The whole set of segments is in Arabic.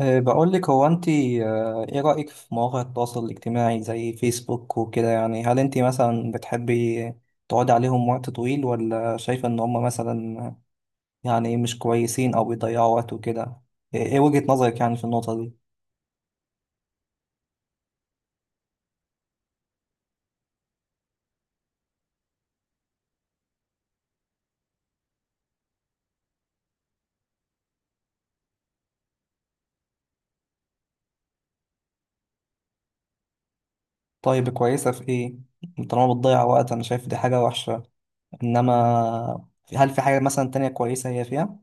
بقول لك، هو انت ايه رأيك في مواقع التواصل الاجتماعي زي فيسبوك وكده؟ يعني هل انت مثلا بتحبي تقعدي عليهم وقت طويل، ولا شايفة ان هم مثلا يعني مش كويسين او بيضيعوا وقت وكده؟ إيه وجهة نظرك يعني في النقطة دي؟ طيب كويسة في ايه؟ طالما بتضيع وقت انا شايف دي حاجة وحشة، انما هل في حاجة مثلا تانية كويسة هي فيها؟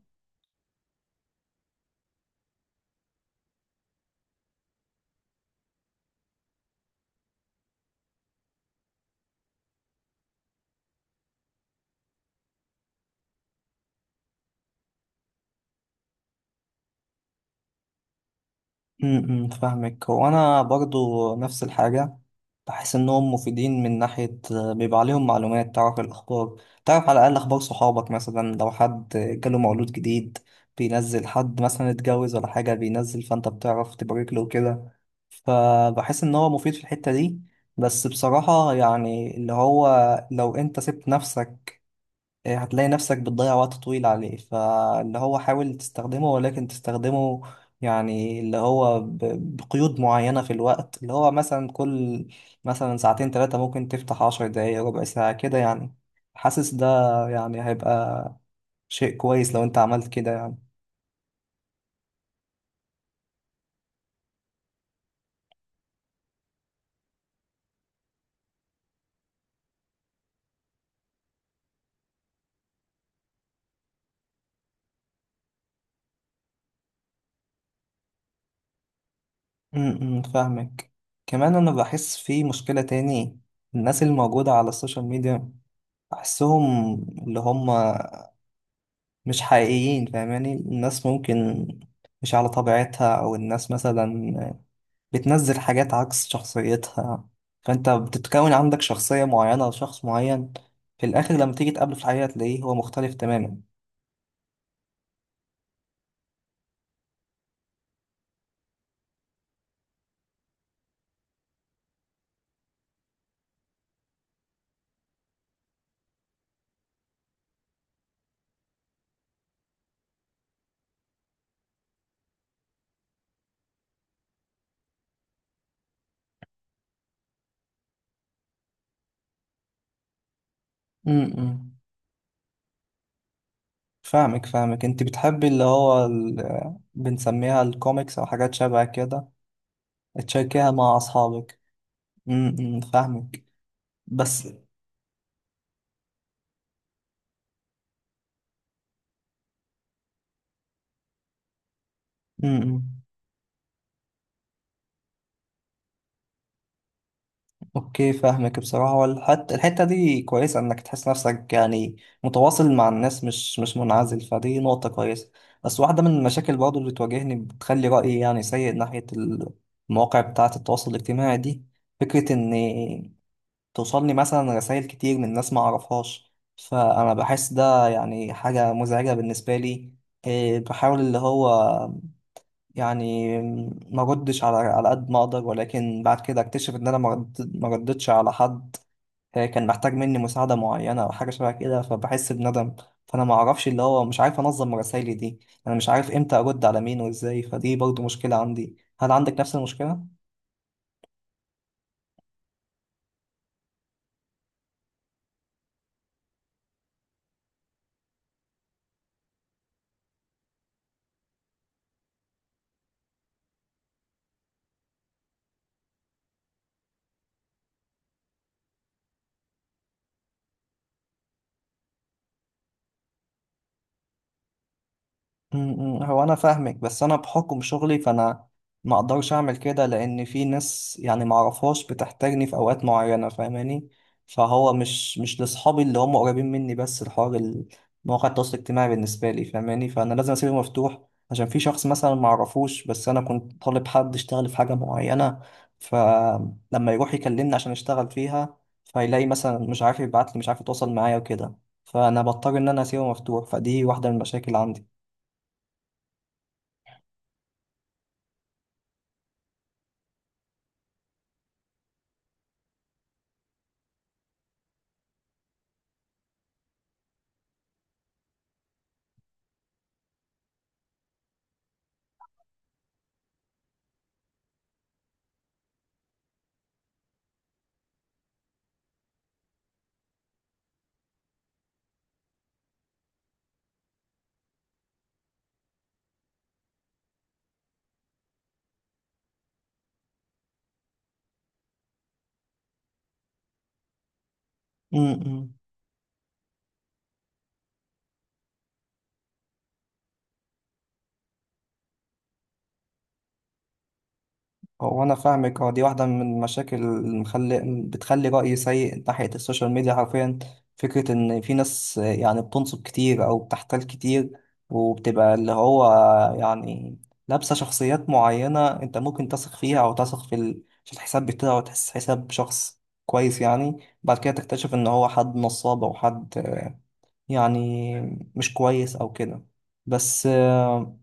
فاهمك، هو انا برضو نفس الحاجه. بحس انهم مفيدين من ناحيه بيبقى عليهم معلومات، تعرف الاخبار، تعرف على الاقل اخبار صحابك، مثلا لو حد جاله مولود جديد، بينزل حد مثلا اتجوز ولا حاجه بينزل، فانت بتعرف تبارك له وكده. فبحس ان هو مفيد في الحته دي. بس بصراحه يعني اللي هو لو انت سبت نفسك، إيه، هتلاقي نفسك بتضيع وقت طويل عليه. فاللي هو حاول تستخدمه، ولكن تستخدمه يعني اللي هو بقيود معينة في الوقت، اللي هو مثلا كل مثلا ساعتين 3 ممكن تفتح 10 دقايق، ربع ساعة كده يعني. حاسس ده يعني هيبقى شيء كويس لو انت عملت كده يعني. م- م، فاهمك. كمان انا بحس في مشكلة تاني، الناس الموجودة على السوشيال ميديا بحسهم اللي هم مش حقيقيين، فاهماني؟ الناس ممكن مش على طبيعتها، او الناس مثلا بتنزل حاجات عكس شخصيتها، فانت بتتكون عندك شخصية معينة لشخص معين، في الاخر لما تيجي تقابله في الحقيقة تلاقيه هو مختلف تماما. امم فاهمك فاهمك، انت بتحبي اللي هو بنسميها الكوميكس او حاجات شبه كده. تشاركيها مع اصحابك، فاهمك. بس امم اوكي فاهمك بصراحة، الحتة دي كويسة، انك تحس نفسك يعني متواصل مع الناس، مش مش منعزل، فدي نقطة كويسة. بس واحدة من المشاكل برضه اللي بتواجهني، بتخلي رأيي يعني سيء ناحية المواقع بتاعة التواصل الاجتماعي دي، فكرة ان توصلني مثلا رسائل كتير من ناس ما اعرفهاش، فانا بحس ده يعني حاجة مزعجة بالنسبة لي. إيه، بحاول اللي هو يعني ما ردش على قد ما اقدر، ولكن بعد كده اكتشف ان انا ما ردتش على حد كان محتاج مني مساعدة معينة او حاجة شبه كده، فبحس بندم. فانا ما اعرفش اللي هو مش عارف انظم رسايلي دي، انا مش عارف امتى ارد على مين وازاي، فدي برضو مشكلة عندي. هل عندك نفس المشكلة؟ م- م. هو انا فاهمك، بس انا بحكم شغلي، فانا ما اقدرش اعمل كده، لان في ناس يعني ما اعرفهاش بتحتاجني في اوقات معينه، فاهماني؟ فهو مش مش لاصحابي اللي هم قريبين مني بس، الحوار مواقع التواصل الاجتماعي بالنسبه لي فاهماني، فانا لازم اسيبه مفتوح، عشان في شخص مثلا ما اعرفوش، بس انا كنت طالب حد يشتغل في حاجه معينه، فلما يروح يكلمني عشان يشتغل فيها، فيلاقي مثلا مش عارف يبعت لي، مش عارف يتواصل معايا وكده، فانا بضطر ان انا اسيبه مفتوح، فدي واحده من المشاكل عندي. امم هو انا فاهمك، هو دي واحده من المشاكل اللي مخلي بتخلي رايي سيء ناحيه السوشيال ميديا حرفيا، فكره ان في ناس يعني بتنصب كتير او بتحتال كتير، وبتبقى اللي هو يعني لابسه شخصيات معينه انت ممكن تثق فيها، او تثق في في الحساب بتاعه وتحس حساب شخص كويس يعني، بعد كده تكتشف ان هو حد نصاب او حد يعني مش كويس او كده. بس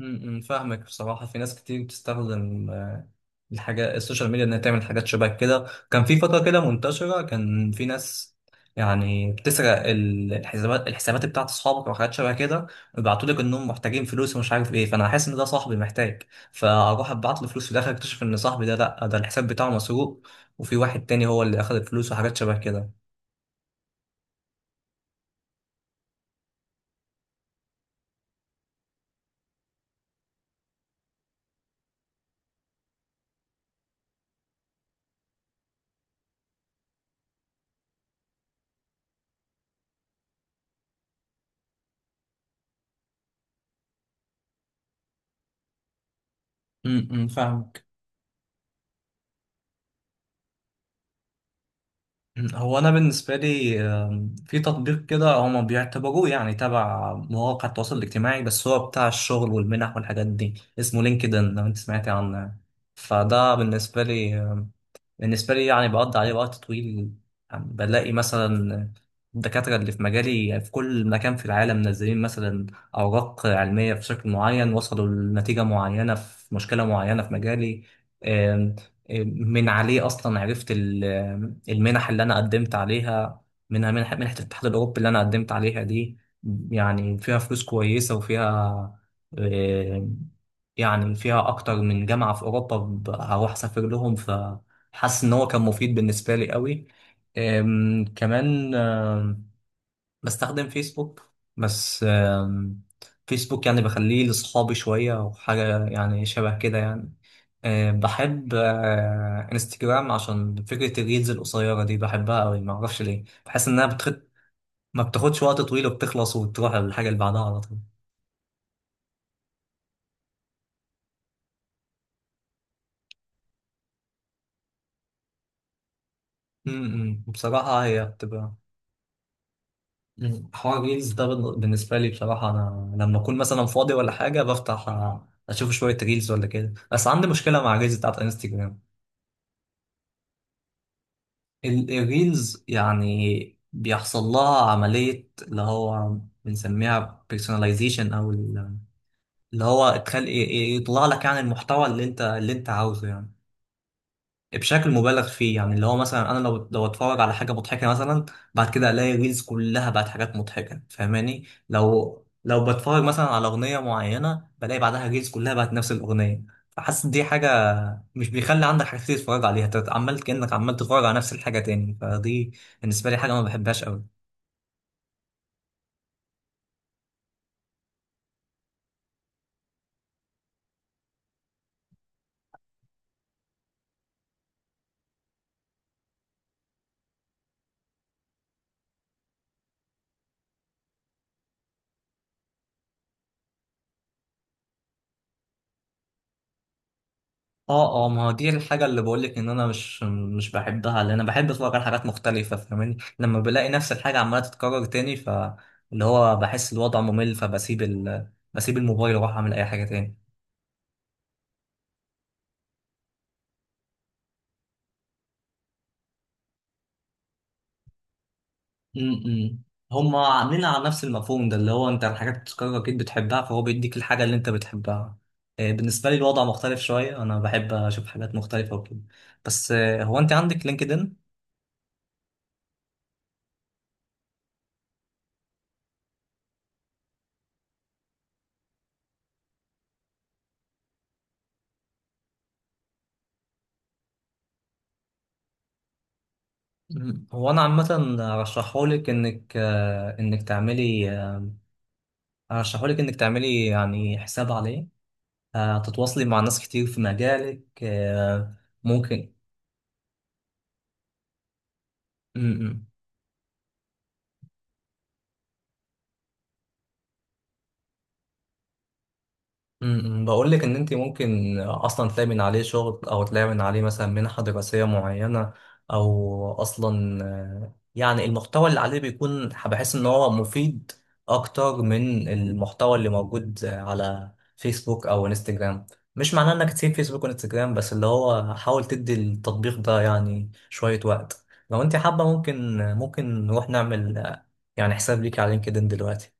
فاهمك بصراحة. في ناس كتير بتستخدم الحاجات السوشيال ميديا انها تعمل حاجات شبه كده، كان في فترة كده منتشرة، كان في ناس يعني بتسرق الحسابات بتاعت اصحابك او حاجات شبه كده، ويبعتوا لك انهم محتاجين فلوس ومش عارف ايه، فانا حاسس ان ده صاحبي محتاج، فاروح ابعت له فلوس، في الاخر اكتشف ان صاحبي ده لا، ده الحساب بتاعه مسروق، وفي واحد تاني هو اللي اخذ الفلوس وحاجات شبه كده. فاهم. هو انا بالنسبه لي في تطبيق كده هما بيعتبروه يعني تبع مواقع التواصل الاجتماعي، بس هو بتاع الشغل والمنح والحاجات دي، اسمه لينكدين لو انت سمعتي عنه يعني. فده بالنسبه لي بالنسبة لي يعني بقضي عليه وقت طويل، يعني بلاقي مثلا الدكاترة اللي في مجالي في كل مكان في العالم منزلين مثلا أوراق علمية بشكل معين، وصلوا لنتيجة معينة في مشكلة معينة في مجالي. آم، آم، من عليه أصلا عرفت ال- آم، المنح اللي أنا قدمت عليها، منها منحة الاتحاد الأوروبي اللي أنا قدمت عليها دي، يعني فيها فلوس كويسة، وفيها يعني فيها أكتر من جامعة في أوروبا هروح أسافر لهم، فحاسس إن هو كان مفيد بالنسبة لي قوي. كمان بستخدم فيسبوك، بس فيسبوك يعني بخليه لأصحابي شوية وحاجة يعني شبه كده يعني. بحب انستجرام، عشان فكرة الريلز القصيرة دي بحبها قوي، معرفش ليه، بحس إنها ما بتاخدش وقت طويل، وبتخلص وتروح للحاجة اللي بعدها على طول. م- م. بصراحة هي بتبقى، حوار الريلز ده بالنسبة لي بصراحة، أنا لما أكون مثلا فاضي ولا حاجة بفتح أشوف شوية ريلز ولا كده، بس عندي مشكلة مع الريلز بتاعت انستجرام. الريلز يعني بيحصل لها عملية اللي هو بنسميها personalization أو اللي هو تخلي يطلع لك يعني المحتوى اللي أنت عاوزه يعني، بشكل مبالغ فيه، يعني اللي هو مثلا انا لو اتفرج على حاجه مضحكه مثلا، بعد كده الاقي ريلز كلها بقت حاجات مضحكه، فاهماني؟ لو بتفرج مثلا على اغنيه معينه، بلاقي بعدها ريلز كلها بقت نفس الاغنيه. فحاسس دي حاجه مش بيخلي عندك حاجات كتير تتفرج عليها، انت عمال كانك عمال تتفرج على نفس الحاجه تاني، فدي بالنسبه لي حاجه ما بحبهاش قوي. اه اه، ما هو دي الحاجة اللي بقولك ان انا مش مش بحبها، لان انا بحب اتفرج على حاجات مختلفة، فاهماني؟ لما بلاقي نفس الحاجة عمالة تتكرر تاني، ف اللي هو بحس الوضع ممل، فبسيب بسيب الموبايل واروح اعمل اي حاجة تاني. امم هما عاملين على نفس المفهوم ده، اللي هو انت الحاجات بتتكرر اكيد بتحبها، فهو بيديك الحاجة اللي انت بتحبها. بالنسبة لي الوضع مختلف شوية، انا بحب اشوف حاجات مختلفة وكده. بس هو انت عندك لينكدين؟ هو انا عامه ارشحهولك انك انك تعملي أرشحهولك إنك تعملي يعني حساب عليه، هتتواصلي مع ناس كتير في مجالك ممكن. م -م. بقول لك ان انت ممكن اصلا تلاقي من عليه شغل، او تلاقي من عليه مثلا منحة دراسية معينة، او اصلا يعني المحتوى اللي عليه بيكون، بحس ان هو مفيد اكتر من المحتوى اللي موجود على فيسبوك او انستجرام. مش معناه انك تسيب فيسبوك وانستجرام، بس اللي هو حاول تدي التطبيق ده يعني شوية وقت، لو انت حابة ممكن نروح نعمل يعني حساب ليك على لينكدين دلوقتي.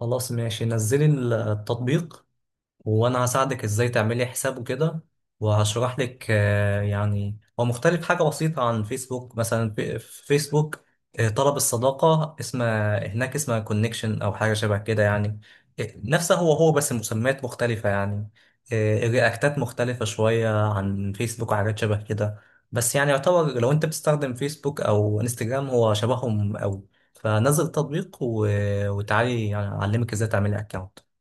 خلاص ماشي، نزلي التطبيق وانا هساعدك ازاي تعملي حساب وكده، وهشرح لك يعني هو مختلف حاجة بسيطة عن فيسبوك. مثلا في فيسبوك طلب الصداقة، اسمها هناك اسمها كونكشن او حاجة شبه كده يعني، نفسه هو هو بس مسميات مختلفة يعني. الرياكتات مختلفة شوية عن فيسبوك وحاجات شبه كده. بس يعني يعتبر لو انت بتستخدم فيسبوك او انستجرام هو شبههم قوي، فنزل التطبيق وتعالي يعني اعلمك ازاي تعملي اكونت